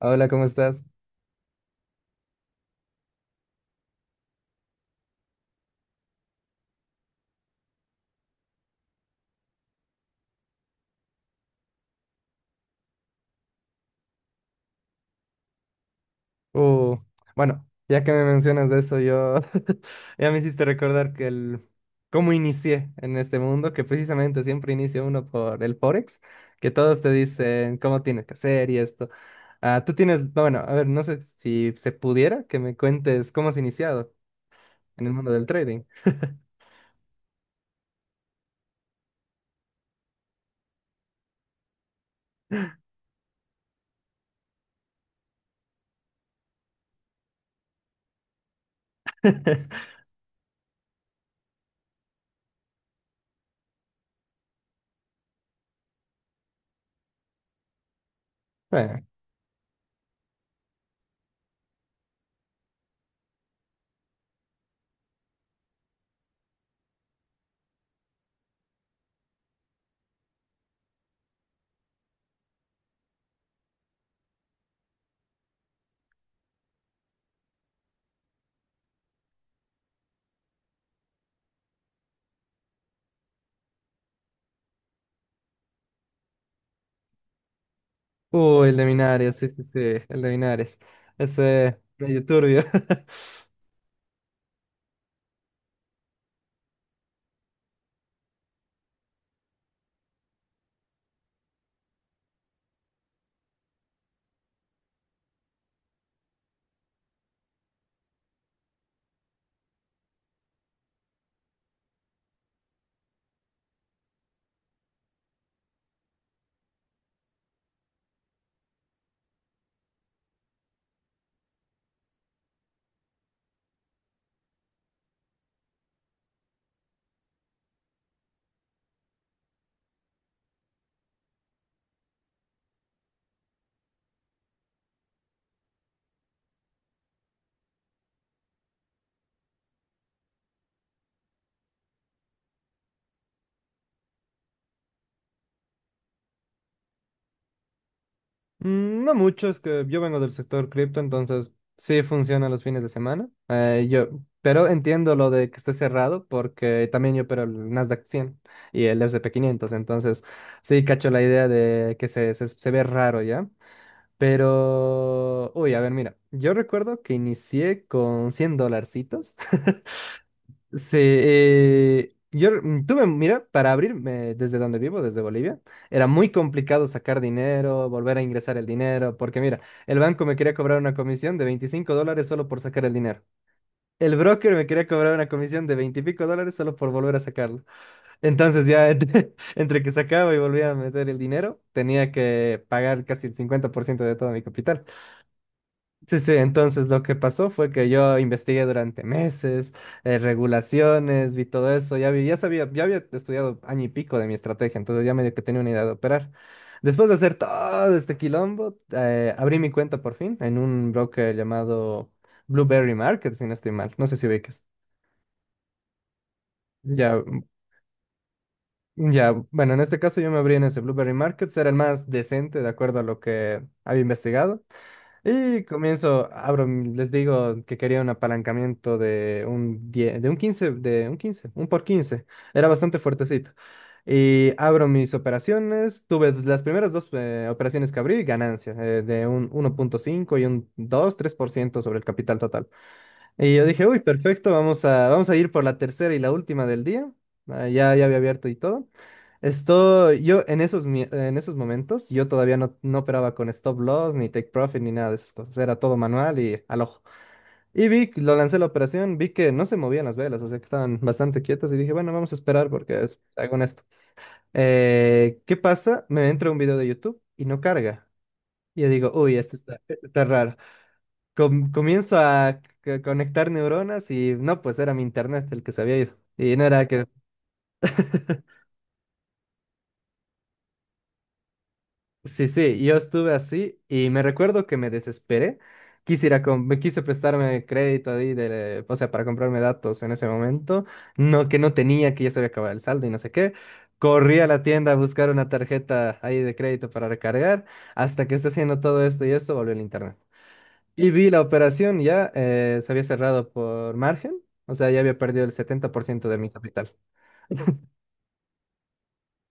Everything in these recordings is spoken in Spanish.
Hola, ¿cómo estás? Uh, bueno, ya que me mencionas de eso, yo ya me hiciste recordar que el cómo inicié en este mundo, que precisamente siempre inicia uno por el Forex, que todos te dicen cómo tienes que hacer y esto. Ah, tú tienes, bueno, a ver, no sé si se pudiera que me cuentes cómo has iniciado en el mundo del trading. Bueno, el de Minares, sí, sí, sí, el de Minares. Ese medio turbio. Mm, no mucho, es que yo vengo del sector cripto, entonces sí funciona los fines de semana. Pero entiendo lo de que esté cerrado porque también yo opero el Nasdaq 100 y el S&P 500, entonces sí cacho la idea de que se ve raro ya. Pero, uy, a ver, mira, yo recuerdo que inicié con 100 dolarcitos. Sí, yo tuve, mira, para abrirme desde donde vivo, desde Bolivia, era muy complicado sacar dinero, volver a ingresar el dinero, porque mira, el banco me quería cobrar una comisión de $25 solo por sacar el dinero. El broker me quería cobrar una comisión de 20 y pico dólares solo por volver a sacarlo. Entonces ya entre, entre que sacaba y volvía a meter el dinero, tenía que pagar casi el 50% de todo mi capital. Sí, sí, entonces lo que pasó fue que yo investigué durante meses, regulaciones, vi todo eso, ya sabía, ya había estudiado año y pico de mi estrategia, entonces ya medio que tenía una idea de operar. Después de hacer todo este quilombo, abrí mi cuenta por fin en un broker llamado Blueberry Market, si no estoy mal, no sé si ubicas. Ya, ya, bueno, en este caso yo me abrí en ese Blueberry Markets, era el más decente de acuerdo a lo que había investigado. Y comienzo, abro, les digo que quería un apalancamiento de un 10, de un quince un por 15. Era bastante fuertecito. Y abro mis operaciones. Tuve las primeras dos operaciones que abrí, ganancia, de un uno punto cinco y un dos tres por ciento sobre el capital total. Y yo dije, uy, perfecto, vamos a, vamos a ir por la tercera y la última del día. Ah, ya, ya había abierto y todo. Esto, yo en esos, en esos momentos, yo todavía no, no operaba con stop loss, ni take profit, ni nada de esas cosas. Era todo manual y al ojo. Y vi, que lo lancé la operación, vi que no se movían las velas, o sea que estaban bastante quietas y dije, bueno, vamos a esperar porque es, hago en esto. ¿Qué pasa? Me entra un video de YouTube y no carga. Y yo digo, uy, esto está raro. Comienzo a conectar neuronas y no, pues era mi internet el que se había ido. Y no era que... Sí, sí, yo estuve así y me recuerdo que me desesperé. Quisiera, me quise prestarme crédito ahí, de, o sea, para comprarme datos en ese momento, no, que no tenía, que ya se había acabado el saldo y no sé qué. Corrí a la tienda a buscar una tarjeta ahí de crédito para recargar, hasta que está haciendo todo esto y esto, volvió el internet. Y vi la operación, ya se había cerrado por margen, o sea, ya había perdido el 70% de mi capital.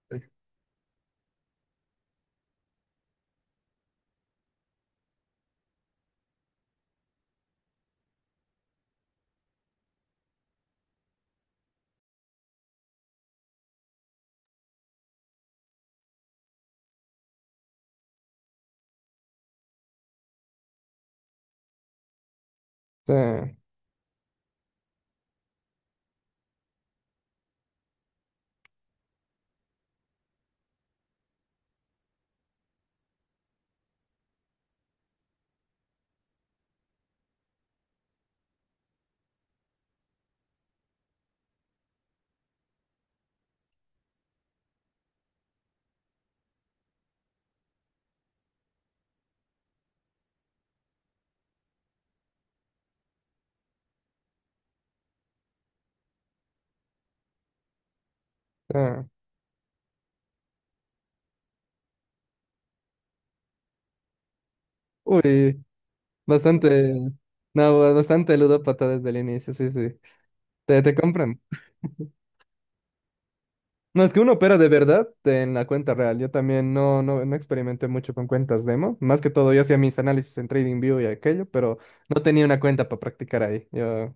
Sí, sí. Sí. Uy. Bastante, no, bastante ludópata desde el inicio, sí, sí. Te compran. No, es que uno opera de verdad en la cuenta real. Yo también no, no, no experimenté mucho con cuentas demo. Más que todo, yo hacía mis análisis en TradingView y aquello, pero no tenía una cuenta para practicar ahí. Yo,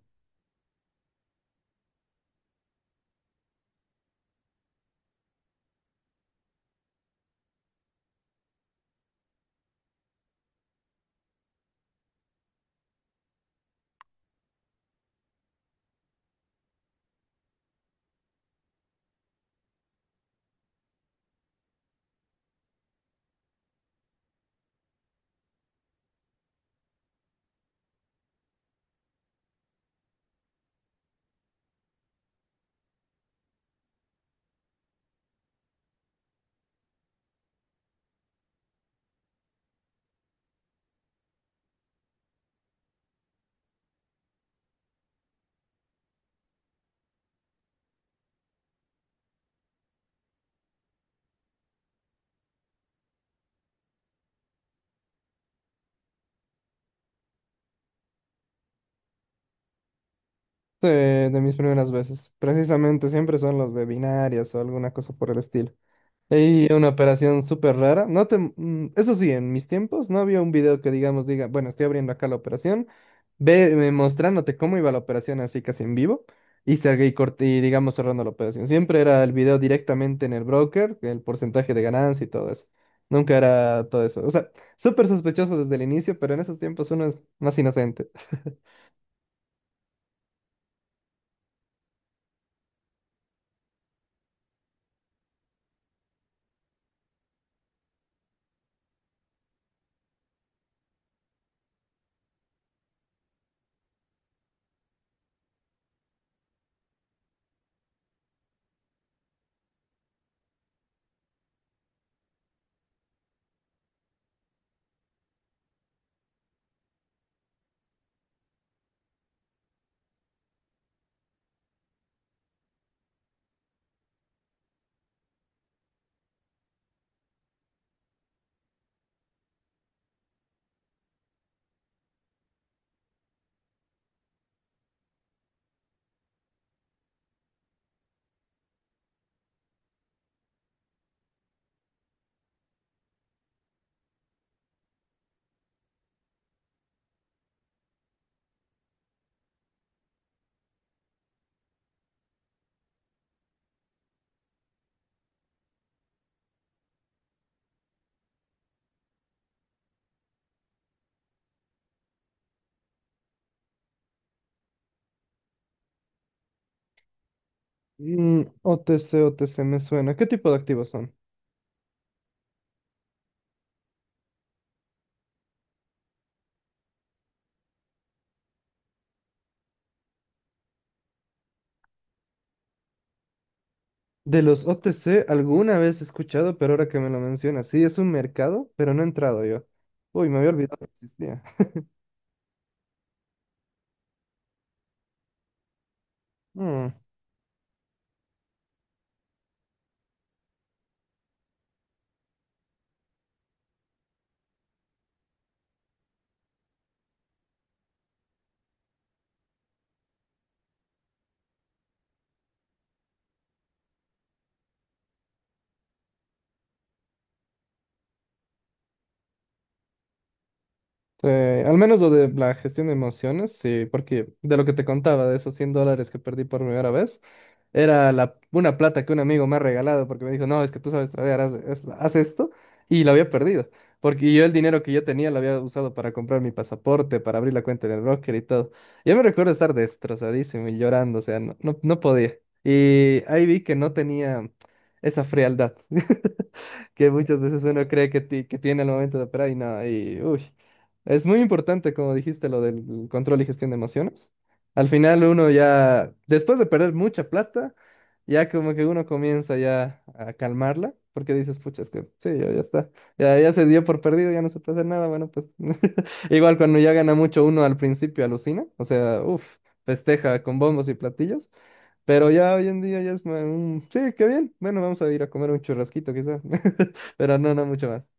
de mis primeras veces. Precisamente siempre son los de binarias o alguna cosa por el estilo. Y una operación súper rara. No te, eso sí, en mis tiempos no había un video que digamos diga, bueno, estoy abriendo acá la operación, ve mostrándote cómo iba la operación así casi en vivo y cerré y Corti, y digamos cerrando la operación. Siempre era el video directamente en el broker, el porcentaje de ganancia y todo eso. Nunca era todo eso. O sea, súper sospechoso desde el inicio, pero en esos tiempos uno es más inocente. OTC, OTC me suena. ¿Qué tipo de activos son? De los OTC alguna vez he escuchado, pero ahora que me lo mencionas, sí, es un mercado, pero no he entrado yo. Uy, me había olvidado que existía. Mm, al menos lo de la gestión de emociones, sí, porque de lo que te contaba, de esos $100 que perdí por primera vez, era la, una plata que un amigo me ha regalado porque me dijo, no, es que tú sabes tradear, haz, haz esto. Y la había perdido. Porque yo el dinero que yo tenía lo había usado para comprar mi pasaporte, para abrir la cuenta en el broker y todo. Yo me recuerdo estar destrozadísimo y llorando, o sea, no, no, no podía. Y ahí vi que no tenía esa frialdad que muchas veces uno cree que, que tiene al momento de operar y no, y uy. Es muy importante, como dijiste, lo del control y gestión de emociones. Al final uno ya, después de perder mucha plata, ya como que uno comienza ya a calmarla, porque dices, pucha, es que sí, ya, ya está, ya, ya se dio por perdido, ya no se puede hacer nada, bueno, pues igual cuando ya gana mucho uno al principio alucina, o sea, uff, festeja con bombos y platillos, pero ya hoy en día ya es, un, sí, qué bien, bueno, vamos a ir a comer un churrasquito quizá, pero no, no mucho más.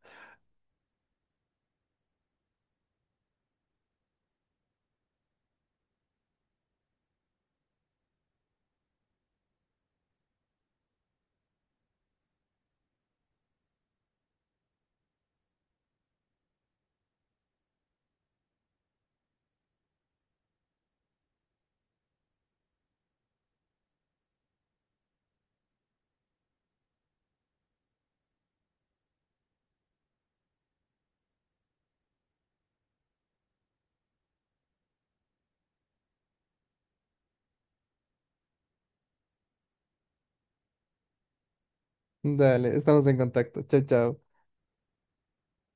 Dale, estamos en contacto, chao, chao.